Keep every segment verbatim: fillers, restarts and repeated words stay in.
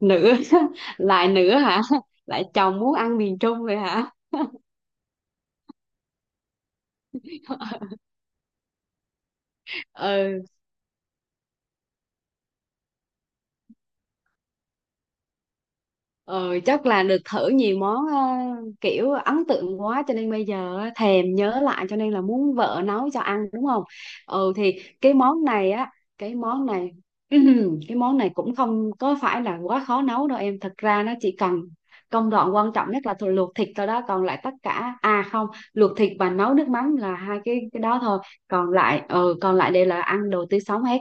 Nữ. Lại nữ hả? Lại chồng muốn ăn miền Trung vậy hả? Ừ. Ờ, Chắc là được thử nhiều món, ờ, kiểu ấn tượng quá cho nên bây giờ á, thèm nhớ lại cho nên là muốn vợ nấu cho ăn đúng không? Ừ thì cái món này á, cái món này cái món này cũng không có phải là quá khó nấu đâu em. Thật ra nó chỉ cần công đoạn quan trọng nhất là thôi luộc thịt thôi đó, còn lại tất cả à không, luộc thịt và nấu nước mắm là hai cái cái đó thôi. Còn lại ờ còn lại đây là ăn đồ tươi sống hết.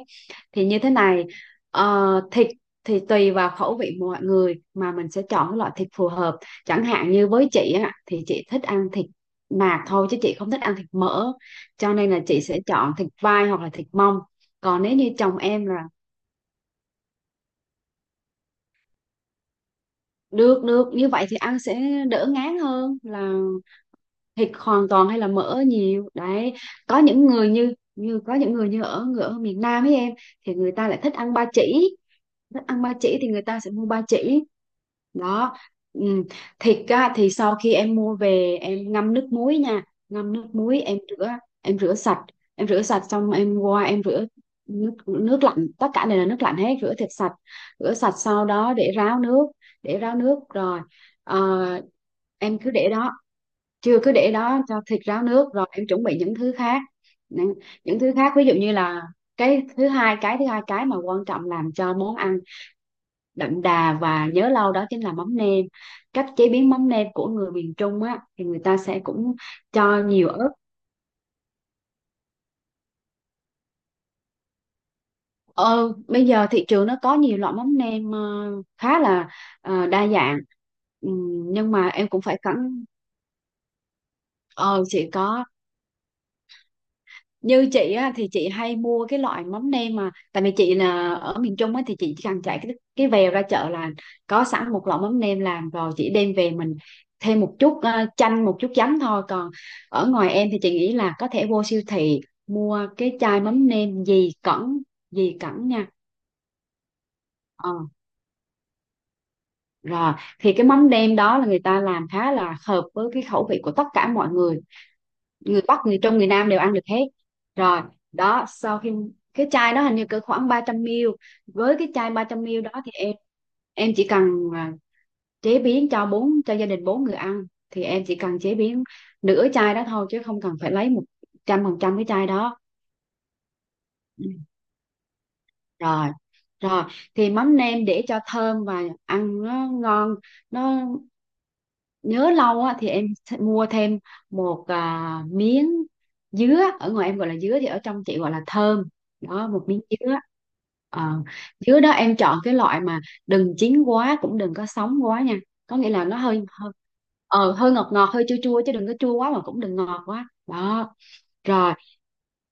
Thì như thế này, ờ, thịt thì tùy vào khẩu vị mọi người mà mình sẽ chọn cái loại thịt phù hợp, chẳng hạn như với chị á thì chị thích ăn thịt nạc thôi chứ chị không thích ăn thịt mỡ, cho nên là chị sẽ chọn thịt vai hoặc là thịt mông. Còn nếu như chồng em là được, được như vậy thì ăn sẽ đỡ ngán hơn là thịt hoàn toàn hay là mỡ nhiều đấy. Có những người như như có những người như ở người ở miền Nam ấy em, thì người ta lại thích ăn ba chỉ. Thức ăn ba chỉ thì người ta sẽ mua ba chỉ đó. Ừ. Thịt á, thì sau khi em mua về em ngâm nước muối nha, ngâm nước muối em rửa, em rửa sạch em rửa sạch xong em qua em rửa nước nước lạnh, tất cả đều là nước lạnh hết, rửa thịt sạch, rửa sạch sau đó để ráo nước, để ráo nước rồi ờ, em cứ để đó, chưa, cứ để đó cho thịt ráo nước rồi em chuẩn bị những thứ khác. những những thứ khác ví dụ như là cái thứ hai cái thứ hai, cái mà quan trọng làm cho món ăn đậm đà và nhớ lâu đó chính là mắm nêm. Cách chế biến mắm nêm của người miền Trung á thì người ta sẽ cũng cho nhiều ớt. ờ, Bây giờ thị trường nó có nhiều loại mắm nêm, ờ, khá là ờ, đa dạng. Ừm, nhưng mà em cũng phải cẩn. ờ chị có. Như chị á, thì chị hay mua cái loại mắm nêm mà tại vì chị là ở miền Trung á, thì chị chỉ cần chạy cái cái vèo ra chợ là có sẵn một lọ mắm nêm làm rồi, chị đem về mình thêm một chút ờ, chanh, một chút giấm thôi. Còn ở ngoài em thì chị nghĩ là có thể vô siêu thị mua cái chai mắm nêm Dì Cẩn, Dì Cẩn nha. Ờ. Rồi, thì cái mắm nêm đó là người ta làm khá là hợp với cái khẩu vị của tất cả mọi người. Người Bắc, người Trung, người Nam đều ăn được hết. Rồi, đó, sau khi cái chai đó hình như cỡ khoảng ba trăm mi li lít. Với cái chai ba trăm mi li lít đó thì em em chỉ cần à, chế biến cho bốn cho gia đình bốn người ăn thì em chỉ cần chế biến nửa chai đó thôi chứ không cần phải lấy một trăm phần trăm cái chai đó. Ừ. Rồi, Rồi thì mắm nêm để cho thơm và ăn nó ngon, nó nhớ lâu á, thì em th- mua thêm một à, miếng dứa. Ở ngoài em gọi là dứa thì ở trong chị gọi là thơm đó, một miếng dứa. Ờ, dứa đó em chọn cái loại mà đừng chín quá cũng đừng có sống quá nha, có nghĩa là nó hơi hơi ờ, hơi ngọt ngọt hơi chua chua chứ đừng có chua quá mà cũng đừng ngọt quá đó. Rồi,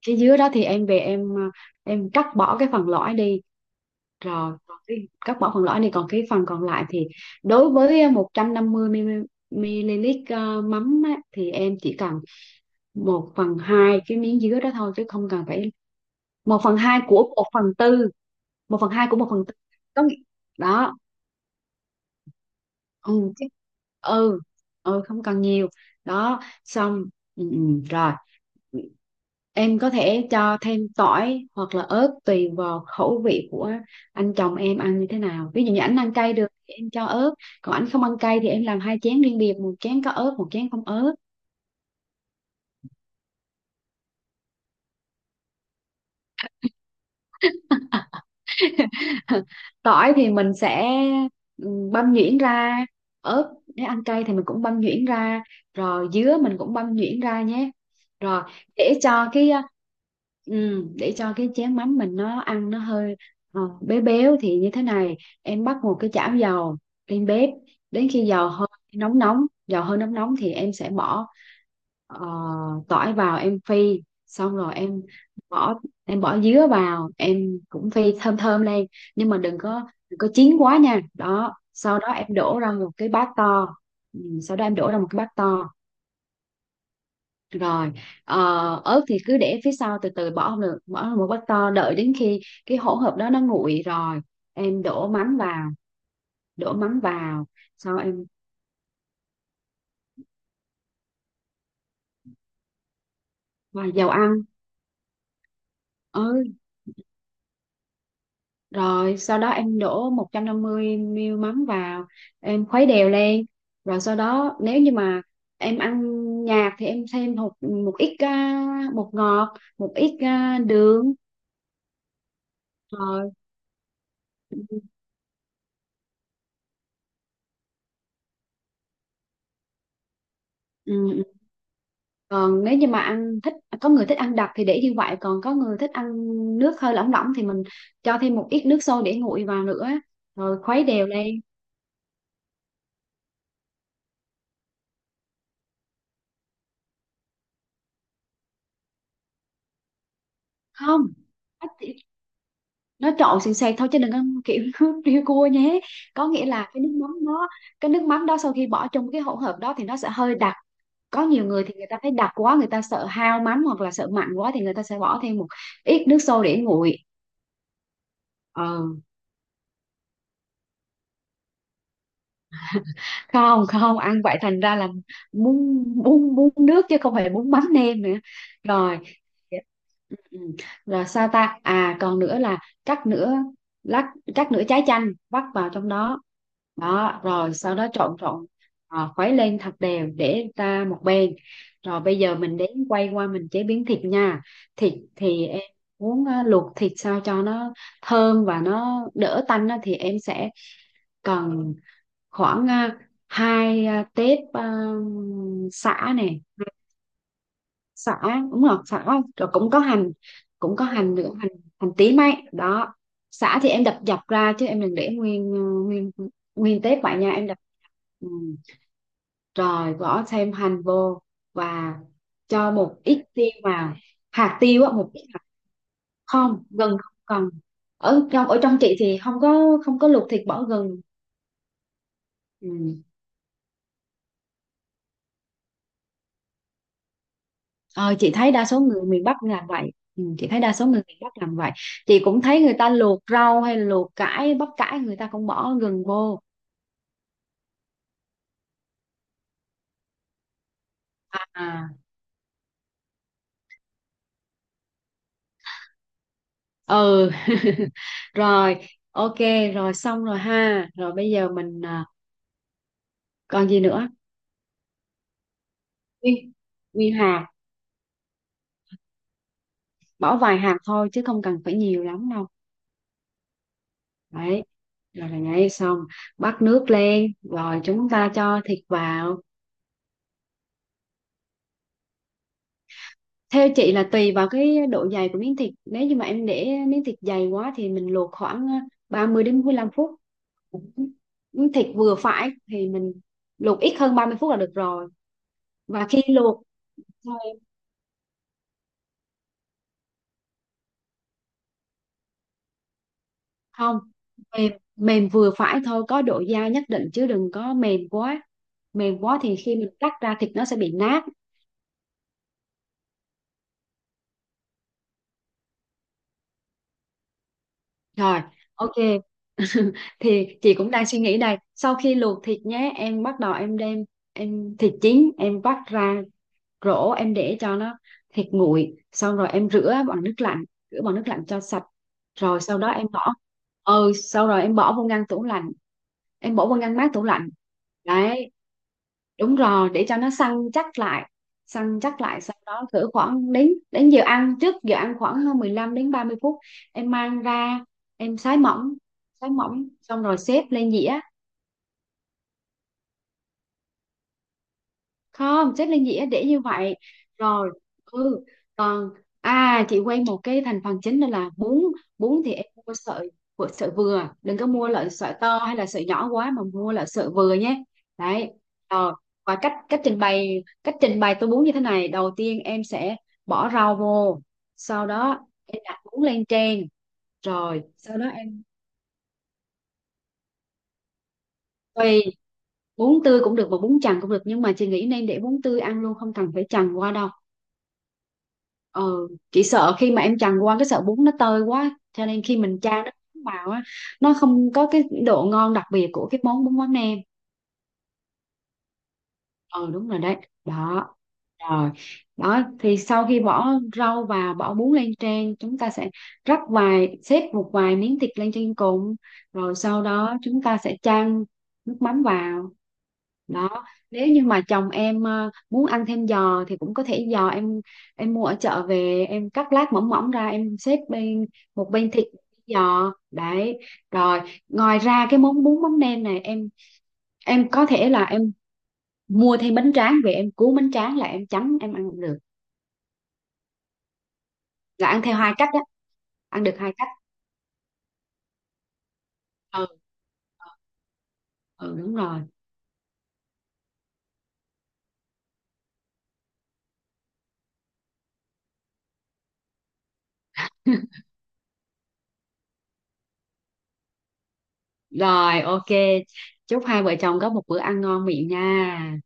cái dứa đó thì em về em à, em cắt bỏ cái phần lõi đi. Rồi, còn cái cắt bỏ phần lõi này còn cái phần còn lại thì đối với ờ, một trăm năm mươi mi li lít ờ, mắm á, thì em chỉ cần một phần hai cái miếng dứa đó thôi chứ không cần phải một phần hai của một phần tư một phần hai của một phần tư, có nghĩa đó. ừ, chứ- ừ, ừ, không cần nhiều đó xong. Ừ, ừ, rồi. Em có thể cho thêm tỏi hoặc là ớt tùy vào khẩu vị của anh chồng em ăn như thế nào. Ví dụ như anh ăn cay được thì em cho ớt, còn anh không ăn cay thì em làm hai chén riêng biệt, một chén có ớt, một chén không ớt. Tỏi thì mình sẽ ừ, băm nhuyễn ra, ớt nếu ăn cay thì mình cũng băm nhuyễn ra, rồi dứa mình cũng băm nhuyễn ra nhé. Rồi, để cho cái ừ, để cho cái chén mắm mình nó ăn nó hơi ờ, béo béo thì như thế này em bắt một cái chảo dầu lên bếp, đến khi dầu hơi nóng nóng, dầu hơi nóng nóng thì em sẽ bỏ ờ, tỏi vào em phi, xong rồi em bỏ em bỏ dứa vào em cũng phi thơm thơm lên, nhưng mà đừng có đừng có chín quá nha. Đó, sau đó em đổ ra một cái bát to. Ừ, sau đó em đổ ra một cái bát to. Rồi, ờ, ớt thì cứ để phía sau từ từ bỏ, không được bỏ vào một bát to, đợi đến khi cái hỗn hợp đó nó nguội rồi em đổ mắm vào, đổ mắm vào sau em và dầu ăn. Ừ, rồi sau đó em đổ một trăm năm mươi mi li lít mắm vào em khuấy đều lên. Rồi sau đó nếu như mà em ăn nhạt thì em thêm một một ít à, bột ngọt, một ít à, đường. Rồi. Ừ, ừ. Còn nếu như mà ăn thích, có người thích ăn đặc thì để như vậy, còn có người thích ăn nước hơi lỏng lỏng thì mình cho thêm một ít nước sôi để nguội vào nữa, rồi khuấy đều lên. Không, nó trộn sền sệt thôi chứ đừng ăn kiểu nước riêu cua nhé. Có nghĩa là cái nước mắm đó cái nước mắm đó sau khi bỏ trong cái hỗn hợp đó thì nó sẽ hơi đặc. Có nhiều người thì người ta thấy đặc quá, người ta sợ hao mắm hoặc là sợ mặn quá thì người ta sẽ bỏ thêm một ít nước sôi để nguội. Ờ, không, không ăn vậy thành ra là bún bún bún nước chứ không phải bún mắm nêm nữa. Rồi. Ừ, ừ. Rồi sao ta, à còn nữa là cắt nửa lát cắt nửa trái chanh vắt vào trong đó. Đó rồi sau đó trộn trộn, à, khuấy lên thật đều để ra một bên. Rồi bây giờ mình đến quay qua mình chế biến thịt nha. Thịt thì em muốn á, luộc thịt sao cho nó thơm và nó đỡ tanh á thì em sẽ cần khoảng à, hai à, tép à, sả này, sả, đúng rồi, sả không, rồi cũng có hành, cũng có hành nữa, hành hành tím ấy đó. Sả thì em đập dập ra chứ em đừng để nguyên à, nguyên nguyên tép vậy nha, em đập. Ừ. Rồi bỏ thêm hành vô và cho một ít tiêu vào, hạt tiêu á, một ít hạt. Không, gừng không cần. Ở trong ở trong chị thì không có, không có luộc thịt bỏ gừng. Ừ. Ờ, chị thấy đa số người miền Bắc làm vậy. Ừ, chị thấy đa số người miền Bắc làm vậy Chị cũng thấy người ta luộc rau hay luộc cải, bắp cải, người ta cũng bỏ gừng vô. À, ừ. Rồi, ok. Rồi xong rồi ha. Rồi bây giờ mình à, còn gì nữa. Nguyên Nguyên hạt, bỏ vài hạt thôi chứ không cần phải nhiều lắm đâu. Đấy, rồi là nhảy xong, bắt nước lên rồi chúng ta cho thịt vào. Theo chị là tùy vào cái độ dày của miếng thịt. Nếu như mà em để miếng thịt dày quá thì mình luộc khoảng ờ, ba mươi đến bốn mươi lăm phút. Miếng thịt vừa phải thì mình luộc ít hơn ba mươi phút là được rồi. Và khi luộc thôi, không, mềm mềm vừa phải thôi, có độ dai nhất định chứ đừng có mềm quá. Mềm quá thì khi mình cắt ra thịt nó sẽ bị nát. Rồi, ok. Thì chị cũng đang suy nghĩ đây. Sau khi luộc thịt nhé, em bắt đầu em đem em thịt chín em vắt ra rổ, em để cho nó thịt nguội xong rồi em rửa bằng nước lạnh, rửa bằng nước lạnh cho sạch. Rồi sau đó em bỏ, ừ sau rồi em bỏ vô ngăn tủ lạnh, em bỏ vô ngăn mát tủ lạnh. Đấy, đúng rồi, để cho nó săn chắc lại, săn chắc lại sau đó cỡ khoảng đến, đến giờ ăn, trước giờ ăn khoảng mười lăm đến ba mươi phút em mang ra em sái mỏng. Sái mỏng xong rồi xếp lên dĩa, không, chất lên dĩa để như vậy. Rồi, ừ, còn à, chị quên một cái thành phần chính đó là bún. Bún thì em mua sợi của sợi vừa, đừng có mua loại sợi to hay là sợi nhỏ quá mà mua loại sợi vừa nhé. Đấy. Rồi, và cách cách trình bày cách trình bày tô bún như thế này, đầu tiên em sẽ bỏ rau vô, sau đó em đặt bún lên trên. Rồi sau đó em tùy, bún tươi cũng được mà bún chần cũng được, nhưng mà chị nghĩ nên để bún tươi ăn luôn không cần phải chần qua đâu. Ừ, chị sợ khi mà em chần qua cái sợi bún nó tơi quá, cho nên khi mình chan nó màu á, nó không có cái độ ngon đặc biệt của cái món bún mắm nem. Ừ, đúng rồi đấy. Đó. Rồi, đó thì sau khi bỏ rau và bỏ bún lên trên chúng ta sẽ rắc vài, xếp một vài miếng thịt lên trên cùng, rồi sau đó chúng ta sẽ chan nước mắm vào. Đó, nếu như mà chồng em ờ, muốn ăn thêm giò thì cũng có thể, giò em em mua ở chợ về em cắt lát mỏng mỏng ra em xếp bên, một bên thịt một bên giò đấy. Rồi, ngoài ra cái món bún mắm nêm này em em có thể là em mua thêm bánh tráng về em cuốn bánh tráng là em chấm em ăn được, là ăn theo hai cách á, ăn được hai cách. Ừ, ừ, đúng rồi. Rồi, ok, chúc hai vợ chồng có một bữa ăn ngon miệng nha.